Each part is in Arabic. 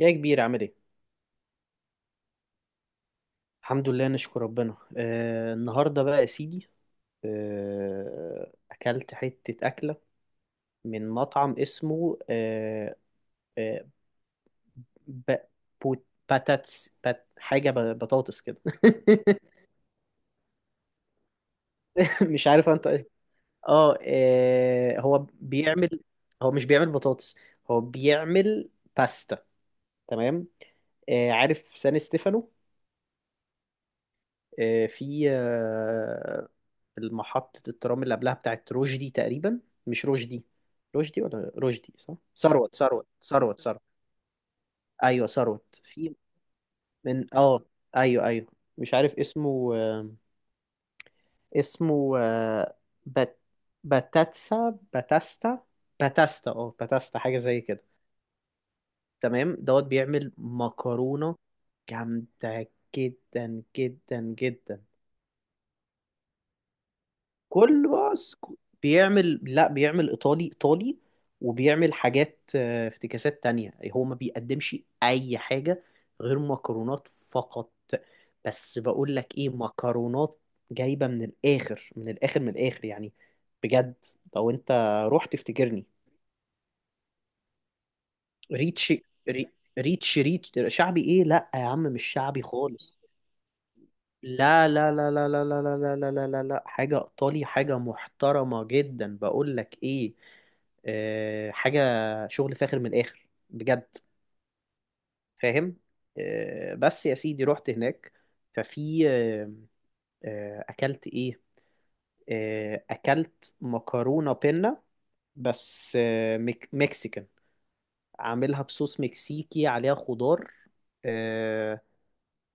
يا كبير، عامل ايه؟ الحمد لله نشكر ربنا. النهارده بقى يا سيدي، اكلت حتة أكلة من مطعم اسمه آه آه ب... بوت... باتاتس بات... حاجة ب... بطاطس كده مش عارف انت ايه. هو بيعمل، هو مش بيعمل بطاطس، هو بيعمل باستا. تمام. عارف سان ستيفانو؟ آه في آه، المحطة الترام اللي قبلها بتاعت رشدي تقريبا. مش رشدي، رشدي ولا رشدي؟ صح، ثروت ثروت ثروت ثروت. ايوه ثروت، في من اه ايوه ايوه. مش عارف اسمه، اسمه آه، بات باتاتسا باتاستا، باتاستا باتاستا، حاجة زي كده. تمام دوت، بيعمل مكرونة جامدة جدا جدا جدا. كل باص ك- بيعمل، لا بيعمل ايطالي ايطالي، وبيعمل حاجات، افتكاسات تانية. هو ما بيقدمش اي حاجة غير مكرونات فقط. بس بقول لك ايه، مكرونات جايبة من الاخر من الاخر من الاخر يعني، بجد. لو انت رحت تفتكرني ريتش. ري- ريتش ريتش شعبي ايه، لا يا عم مش شعبي خالص. لا لا لا لا لا لا لا لا لا لا لا لا، حاجة إيطالي، حاجة محترمة جدا. بقول لك إيه، آه حاجة شغل فاخر من الآخر بجد، فاهم؟ بس يا سيدي، رحت هناك، ففي أكلت إيه؟ أكلت مكرونة بينا، بس آه مك مكسيكان، عاملها بصوص مكسيكي، عليها خضار. آه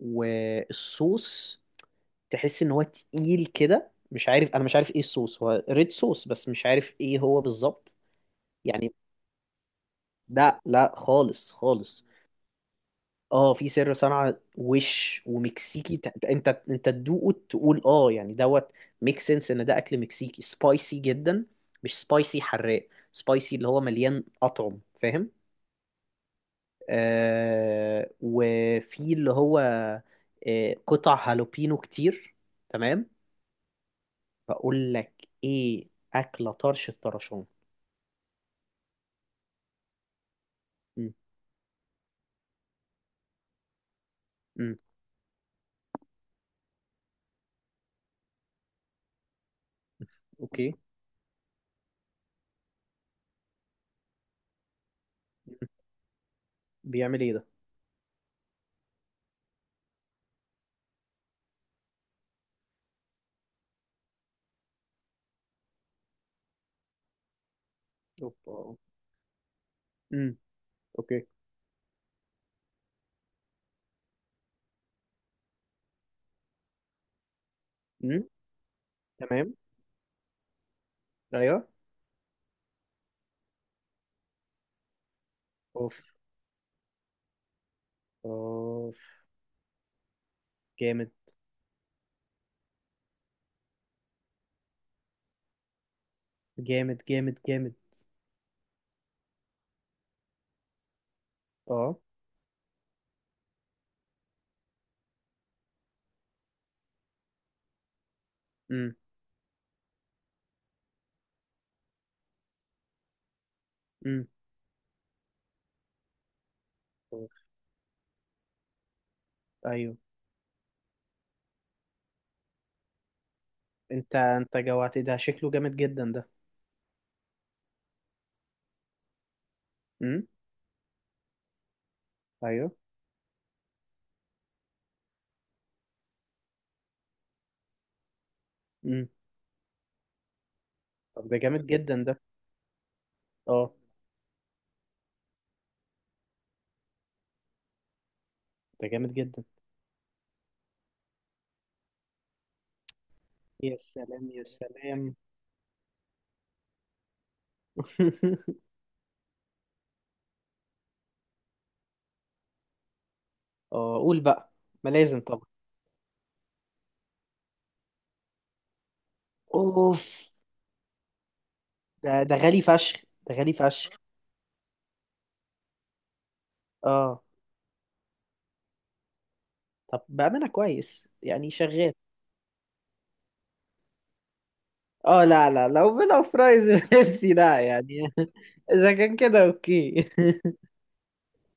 والصوص تحس ان هو تقيل كده، مش عارف، انا مش عارف ايه الصوص، هو ريد صوص بس مش عارف ايه هو بالظبط. يعني لا لا خالص خالص. اه في سر صنعة وش ومكسيكي. انت تدوقه تقول اه، يعني دوت ميك سنس ان ده اكل مكسيكي سبايسي جدا. مش سبايسي حراق، سبايسي اللي هو مليان اطعم، فاهم؟ وفي اللي هو قطع هالوبينو كتير. تمام. هقول لك ايه، اكله طرش الطرشان. امم امم اوكي. بيعمل ايه ده؟ اوبا. امم اوكي. امم تمام. ايوه. اوف، اوف. جامد جامد جامد جامد. اه. امم امم أوف. ايوه. انت جوعت، ده شكله جامد جدا ده. امم ايوه. امم طب ده جامد جدا ده، اه. ده جامد جدا. يا سلام يا سلام اه قول بقى، ما لازم طبعا. اوف، ده ده غالي فشخ، ده غالي فشخ. اه، طب بأمانة كويس يعني شغال. اه لا لا، لو لو فرايز بيبسي لا يعني اذا كان كده اوكي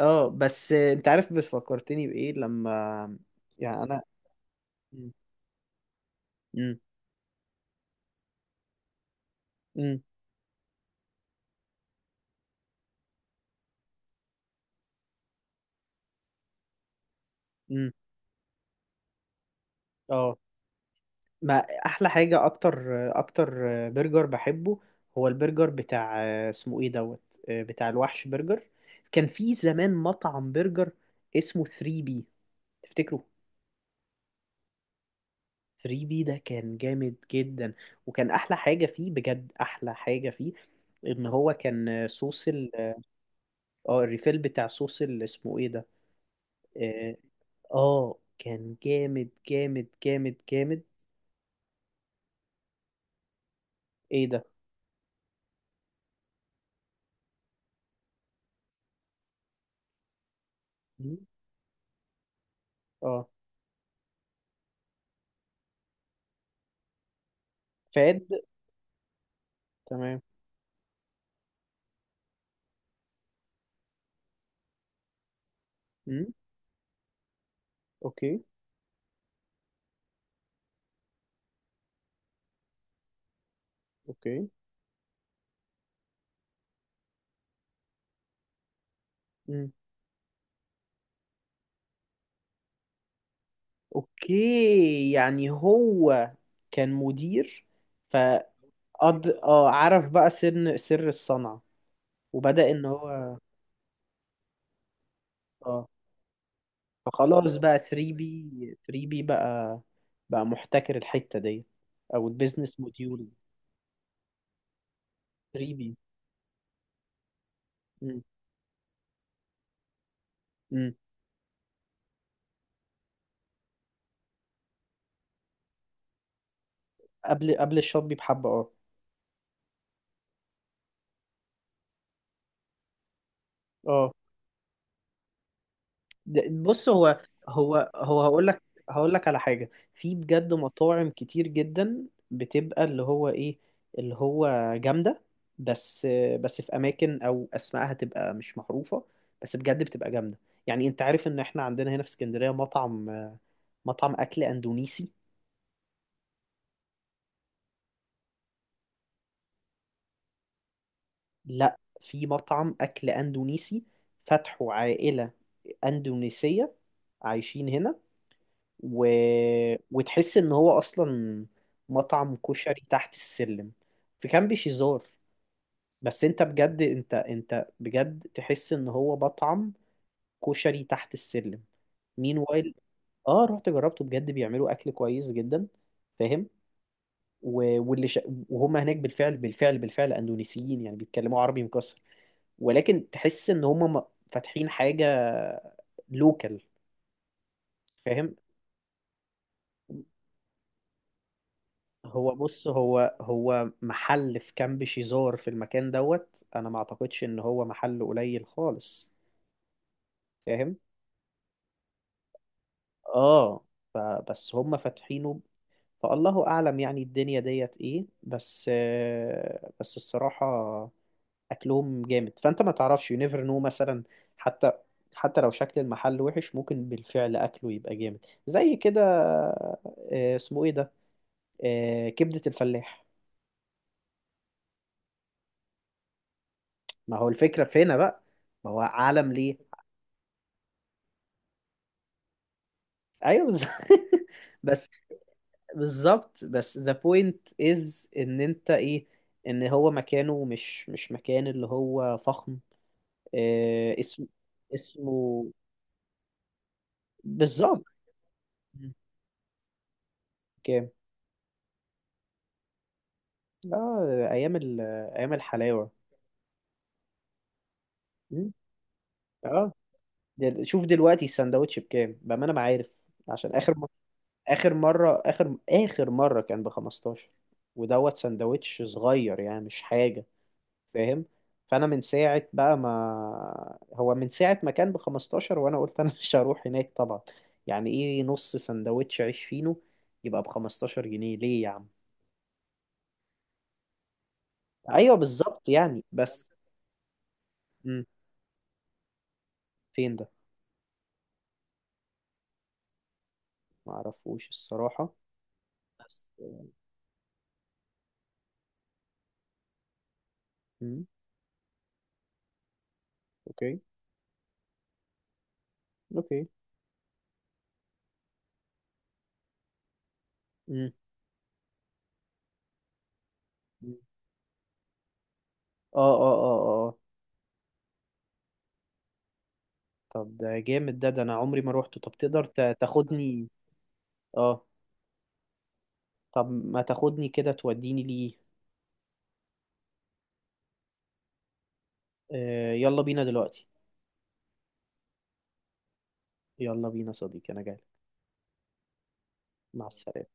اه بس انت عارف، بس فكرتني بايه لما، يعني انا. امم امم امم اه، ما احلى حاجه، اكتر اكتر برجر بحبه هو البرجر بتاع، اسمه ايه دوت، بتاع الوحش برجر. كان في زمان مطعم برجر اسمه 3 بي، تفتكره؟ 3 بي ده كان جامد جدا، وكان احلى حاجه فيه، بجد احلى حاجه فيه، ان هو كان صوص ال، اه الريفيل بتاع صوص ال-، اسمه ايه ده؟ اه. كان جامد جامد جامد جامد. ايه ده؟ م? اه فاد، تمام. م? اوكي. اوكي. م. اوكي، يعني هو كان مدير فقد. اه عرف بقى سر سر الصنعة، وبدأ ان هو. اه فخلاص بقى 3 بي، 3 بي بقى، بقى محتكر الحتة دي، او البيزنس موديول. 3 بي. امم قبل قبل الشوبي بحبة اه، اه. بص، هو هقول لك، هقول لك على حاجة. في بجد مطاعم كتير جدا بتبقى اللي هو ايه، اللي هو جامدة، بس بس في اماكن او اسمائها تبقى مش معروفة، بس بجد بتبقى جامدة. يعني انت عارف ان احنا عندنا هنا في اسكندرية مطعم اكل اندونيسي. لا، في مطعم أكل أندونيسي، فتحه عائلة أندونيسية عايشين هنا، و... وتحس إن هو أصلا مطعم كشري تحت السلم، في كامب شيزار. بس أنت بجد، أنت بجد تحس إن هو مطعم كشري تحت السلم. مين وايل، رحت جربته بجد، بيعملوا أكل كويس جدا، فاهم؟ و... واللي ش... وهم هناك بالفعل بالفعل بالفعل أندونيسيين، يعني بيتكلموا عربي مكسر، ولكن تحس ان هم فاتحين حاجه لوكال، فاهم؟ بص، هو محل في كامب شيزار، في المكان دوت انا ما اعتقدش ان هو محل قليل خالص، فاهم؟ اه فبس هم فاتحينه. فالله اعلم يعني الدنيا ديت ايه، بس بس الصراحه اكلهم جامد. فانت ما تعرفش، يو نيفر نو، مثلا حتى لو شكل المحل وحش، ممكن بالفعل اكله يبقى جامد زي كده. اسمه ايه ده؟ كبدة الفلاح. ما هو الفكرة في هنا بقى، ما هو عالم ليه. ايوه بس. بالظبط، بس the point is ان انت ايه، ان هو مكانه مش مش مكان اللي هو فخم. آه، اسم اسمه. بالظبط. كام؟ اه، ايام الحلاوة. مم. اه، شوف دلوقتي السندوتش بكام، بأمانة ما عارف. عشان آخر مرة، آخر مرة كان ب 15، ودوت سندوتش صغير يعني مش حاجة، فاهم؟ فأنا من ساعة بقى، ما هو من ساعة ما كان ب 15 وأنا قلت أنا مش هروح هناك طبعا. يعني إيه نص سندوتش عيش فينو يبقى ب 15 جنيه ليه يا عم؟ أيوه بالظبط، يعني بس. مم. فين ده؟ معرفوش الصراحة. بس. مم. أوكي. أوكي. مم. اه اه اه اه اه. طب ده جامد ده، ده انا عمري ما روحته. طب تقدر تاخدني؟ اه. طب ما تاخدني كده، توديني ليه؟ آه يلا بينا دلوقتي. يلا بينا صديقي، انا جاي. مع السلامة.